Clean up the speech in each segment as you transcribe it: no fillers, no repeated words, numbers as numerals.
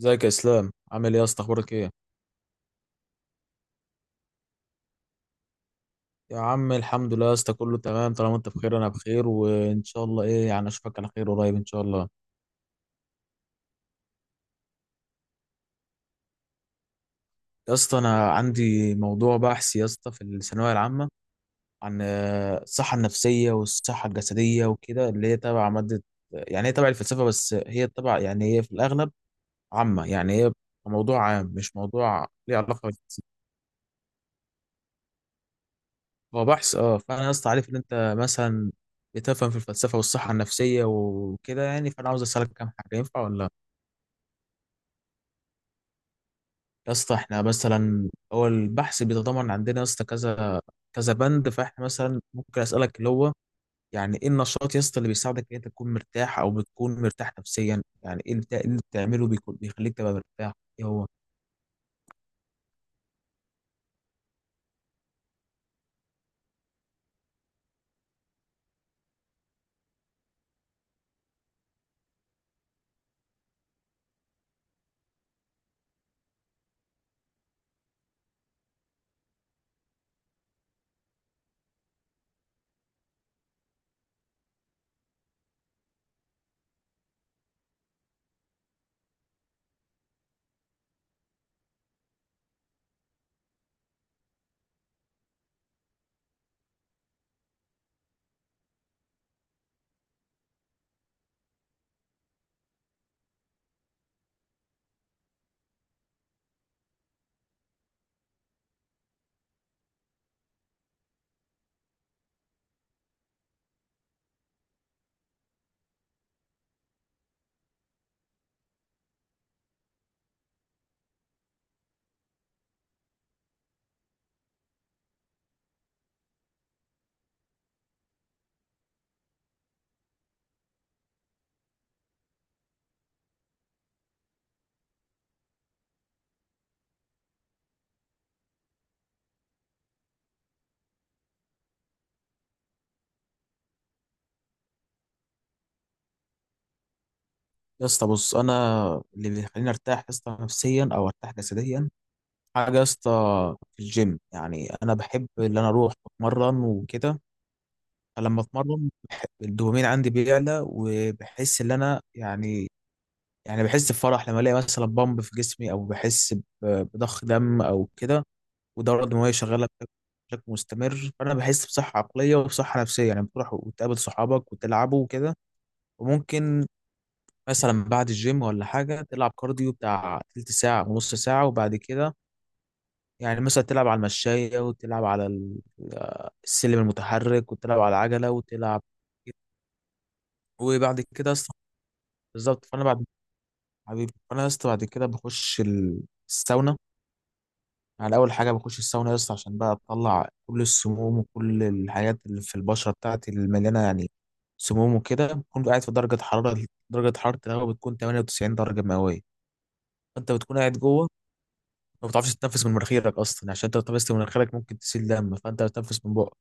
ازيك يا اسلام، عامل ايه يا اسطى؟ اخبارك ايه؟ يا عم الحمد لله يا اسطى، كله تمام. طالما انت بخير انا بخير، وان شاء الله ايه يعني اشوفك على خير قريب ان شاء الله. يا اسطى انا عندي موضوع بحث يا اسطى في الثانويه العامه عن الصحه النفسيه والصحه الجسديه وكده، اللي هي تبع ماده. يعني هي تبع الفلسفه، بس هي تبع يعني هي في الاغلب عامه، يعني هي موضوع عام مش موضوع ليه علاقه. هو بحث اه، فانا يا اسطى عارف ان انت مثلا بتفهم في الفلسفه والصحه النفسيه وكده، يعني فانا عاوز اسالك كام حاجه، ينفع ولا لا؟ يا اسطى احنا مثلا هو البحث بيتضمن عندنا يا اسطى كذا كذا بند، فاحنا مثلا ممكن اسالك اللي هو يعني ايه النشاط يا اسطى اللي بيساعدك ان انت تكون مرتاح او بتكون مرتاح نفسيا؟ يعني ايه اللي اللي بتعمله بيكون بيخليك تبقى مرتاح؟ ايه هو؟ يا اسطى بص انا اللي بيخليني ارتاح يا اسطى نفسيا او ارتاح جسديا حاجة يا اسطى في الجيم. يعني أنا بحب إن أنا أروح أتمرن وكده. فلما أتمرن بحب الدوبامين عندي بيعلى، وبحس إن أنا يعني يعني بحس بفرح لما ألاقي مثلا بامب في جسمي، أو بحس بضخ دم أو كده، والدورة الدموية شغالة بشكل بشكل مستمر. فأنا بحس بصحة عقلية وبصحة نفسية. يعني بتروح وتقابل صحابك وتلعبوا وكده. وممكن مثلا بعد الجيم ولا حاجة تلعب كارديو بتاع تلت ساعة ونص ساعة، وبعد كده يعني مثلا تلعب على المشاية، وتلعب على السلم المتحرك، وتلعب على العجلة، وتلعب وبعد كده اصلا بالظبط. فانا بعد حبيبي فانا يا اسطى بعد كده بخش الساونا. يعني اول حاجه بخش الساونا يا اسطى عشان بقى اطلع كل السموم وكل الحاجات اللي في البشره بتاعتي اللي مليانه يعني سموم وكده. بكون قاعد في درجه حراره، درجه حراره الهواء بتكون 98 درجه مئويه، فانت بتكون قاعد جوه ما بتعرفش تتنفس من مناخيرك اصلا، عشان انت لو تنفست من مناخيرك ممكن تسيل دم، فانت بتنفس من بقك.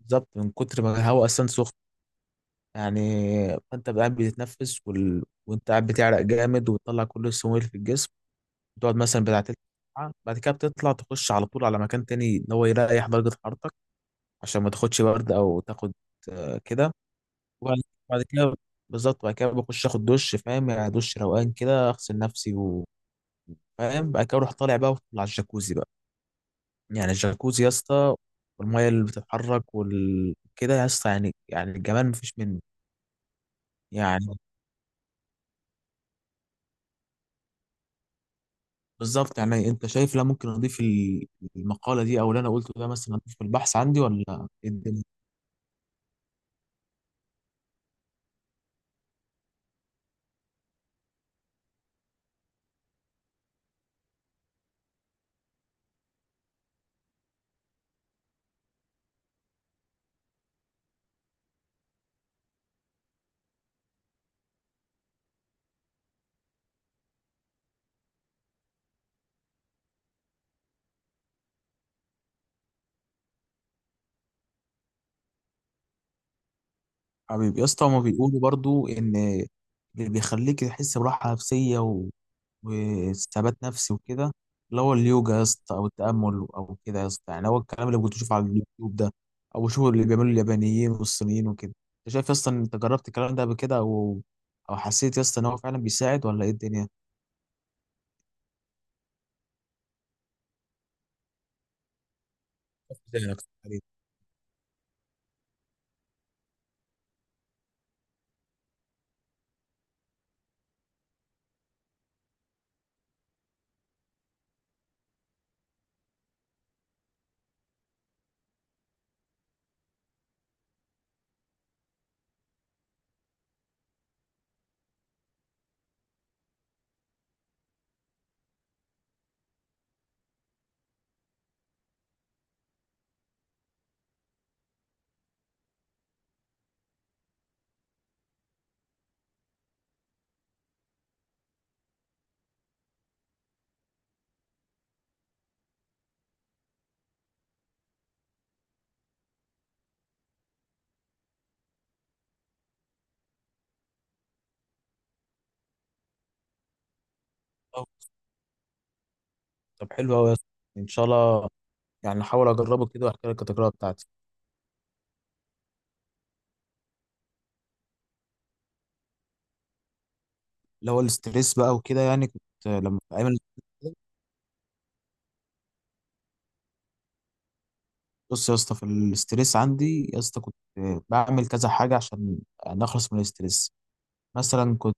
بالظبط، من كتر ما الهواء اصلا سخن يعني. فانت قاعد بتتنفس وانت قاعد بتعرق جامد، وبتطلع كل السموم اللي في الجسم. بتقعد مثلا بتاع تلت ساعة، بعد كده بتطلع تخش على طول على مكان تاني ان هو يريح درجة حرارتك، عشان ما تاخدش برد او تاخد كده. وبعد بعد كده بالظبط، بعد كده بخش اخد دش، فاهم؟ يعني دش روقان كده، اغسل نفسي وفاهم. بعد كده اروح طالع بقى على الجاكوزي بقى. يعني الجاكوزي يا اسطى والميه اللي بتتحرك كده يا اسطى يعني يعني الجمال مفيش منه. يعني بالظبط. يعني انت شايف لا ممكن اضيف المقاله دي او اللي انا قلته ده مثلا اضيف في البحث عندي ولا إيه الدنيا؟ حبيبي يا اسطى، هما بيقولوا برضو ان اللي بيخليك تحس براحه نفسيه وثبات نفسي وكده اللي هو اليوجا يا اسطى او التامل او كده يا اسطى، يعني هو الكلام اللي كنت بشوفه على اليوتيوب ده، او بشوفه اللي بيعملوا اليابانيين والصينيين وكده. انت شايف يا اسطى ان انت جربت الكلام ده قبل كده، او او حسيت يا اسطى ان هو فعلا بيساعد ولا ايه الدنيا؟ طب طب حلو قوي يا اسطى، ان شاء الله يعني هحاول اجربه كده واحكي لك التجربه بتاعتي. اللي هو الاستريس بقى وكده، يعني كنت لما في ايام بص يا اسطى، في الاستريس عندي يا اسطى كنت بعمل كذا حاجه عشان نخلص من الاستريس. مثلا كنت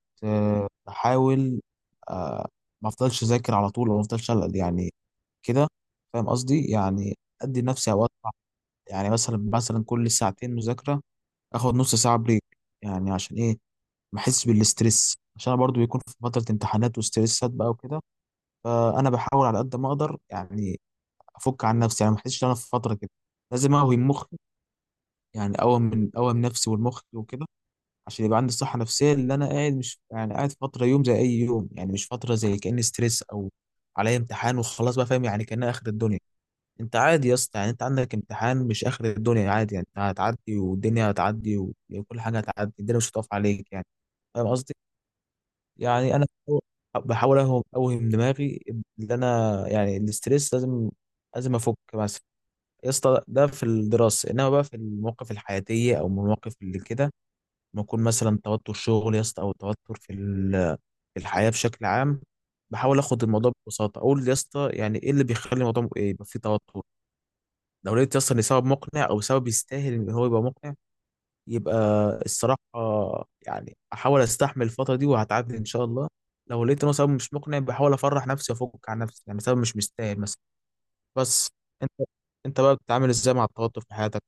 بحاول آه، ما افضلش اذاكر على طول، وما افضلش أقعد يعني كده، فاهم قصدي؟ يعني ادي نفسي اوقات، يعني مثلا كل ساعتين مذاكره اخد نص ساعه بريك، يعني عشان ايه؟ ما احسش بالاستريس، عشان أنا برضو بيكون في فتره امتحانات وستريسات بقى وكده. فانا بحاول على قد ما اقدر يعني افك عن نفسي، يعني ما احسش ان انا في فتره كده لازم اقوي المخ. يعني اقوي من نفسي والمخ وكده، عشان يبقى عندي صحه نفسيه اللي انا قاعد مش يعني قاعد فتره يوم زي اي يوم، يعني مش فتره زي كاني ستريس او عليا امتحان وخلاص بقى، فاهم؟ يعني كانها اخر الدنيا. انت عادي يا اسطى، يعني انت عندك امتحان مش اخر الدنيا، عادي، يعني انت هتعدي والدنيا هتعدي وكل حاجه هتعدي، الدنيا مش هتقف عليك يعني، فاهم قصدي؟ يعني انا بحاول اوهم دماغي ان انا يعني الاستريس لازم لازم افك مثلا. يا اسطى ده في الدراسه، انما بقى في المواقف الحياتيه او المواقف اللي كده، ما يكون مثلا توتر شغل يا اسطى او توتر في في الحياه بشكل عام، بحاول اخد الموضوع ببساطه. اقول يا اسطى يعني ايه اللي بيخلي الموضوع م- إيه يبقى فيه توتر؟ لو لقيت يا اسطى ان سبب مقنع او سبب يستاهل ان هو يبقى مقنع، يبقى الصراحة يعني أحاول أستحمل الفترة دي وهتعدي إن شاء الله. لو لقيت إن هو سبب مش مقنع بحاول أفرح نفسي وأفك عن نفسي، يعني سبب مش مستاهل مثلا. بس أنت بقى بتتعامل إزاي مع التوتر في حياتك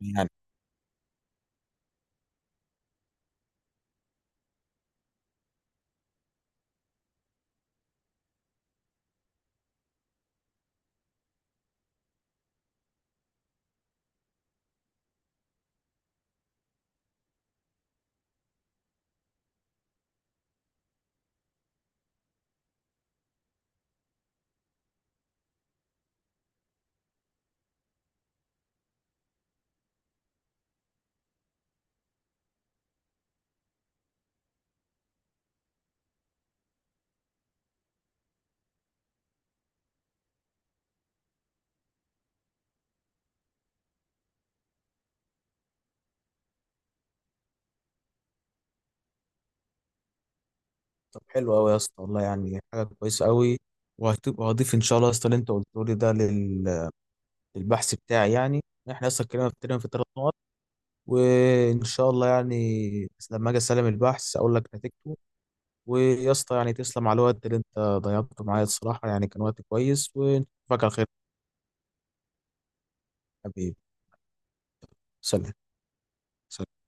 يعني؟ طب حلو أوي يا اسطى، والله يعني حاجة كويسة أوي. وهضيف إن شاء الله يا اسطى اللي أنت قلته لي ده للبحث بتاعي يعني. إحنا أصلا اتكلمنا في تقريباً في 3 نقط، وإن شاء الله يعني لما أجي أسلم البحث أقول لك نتيجته. ويا اسطى يعني تسلم على الوقت اللي انت ضيعته معايا، الصراحة يعني كان وقت كويس، ونشوفك على خير. حبيبي. سلام. سلام.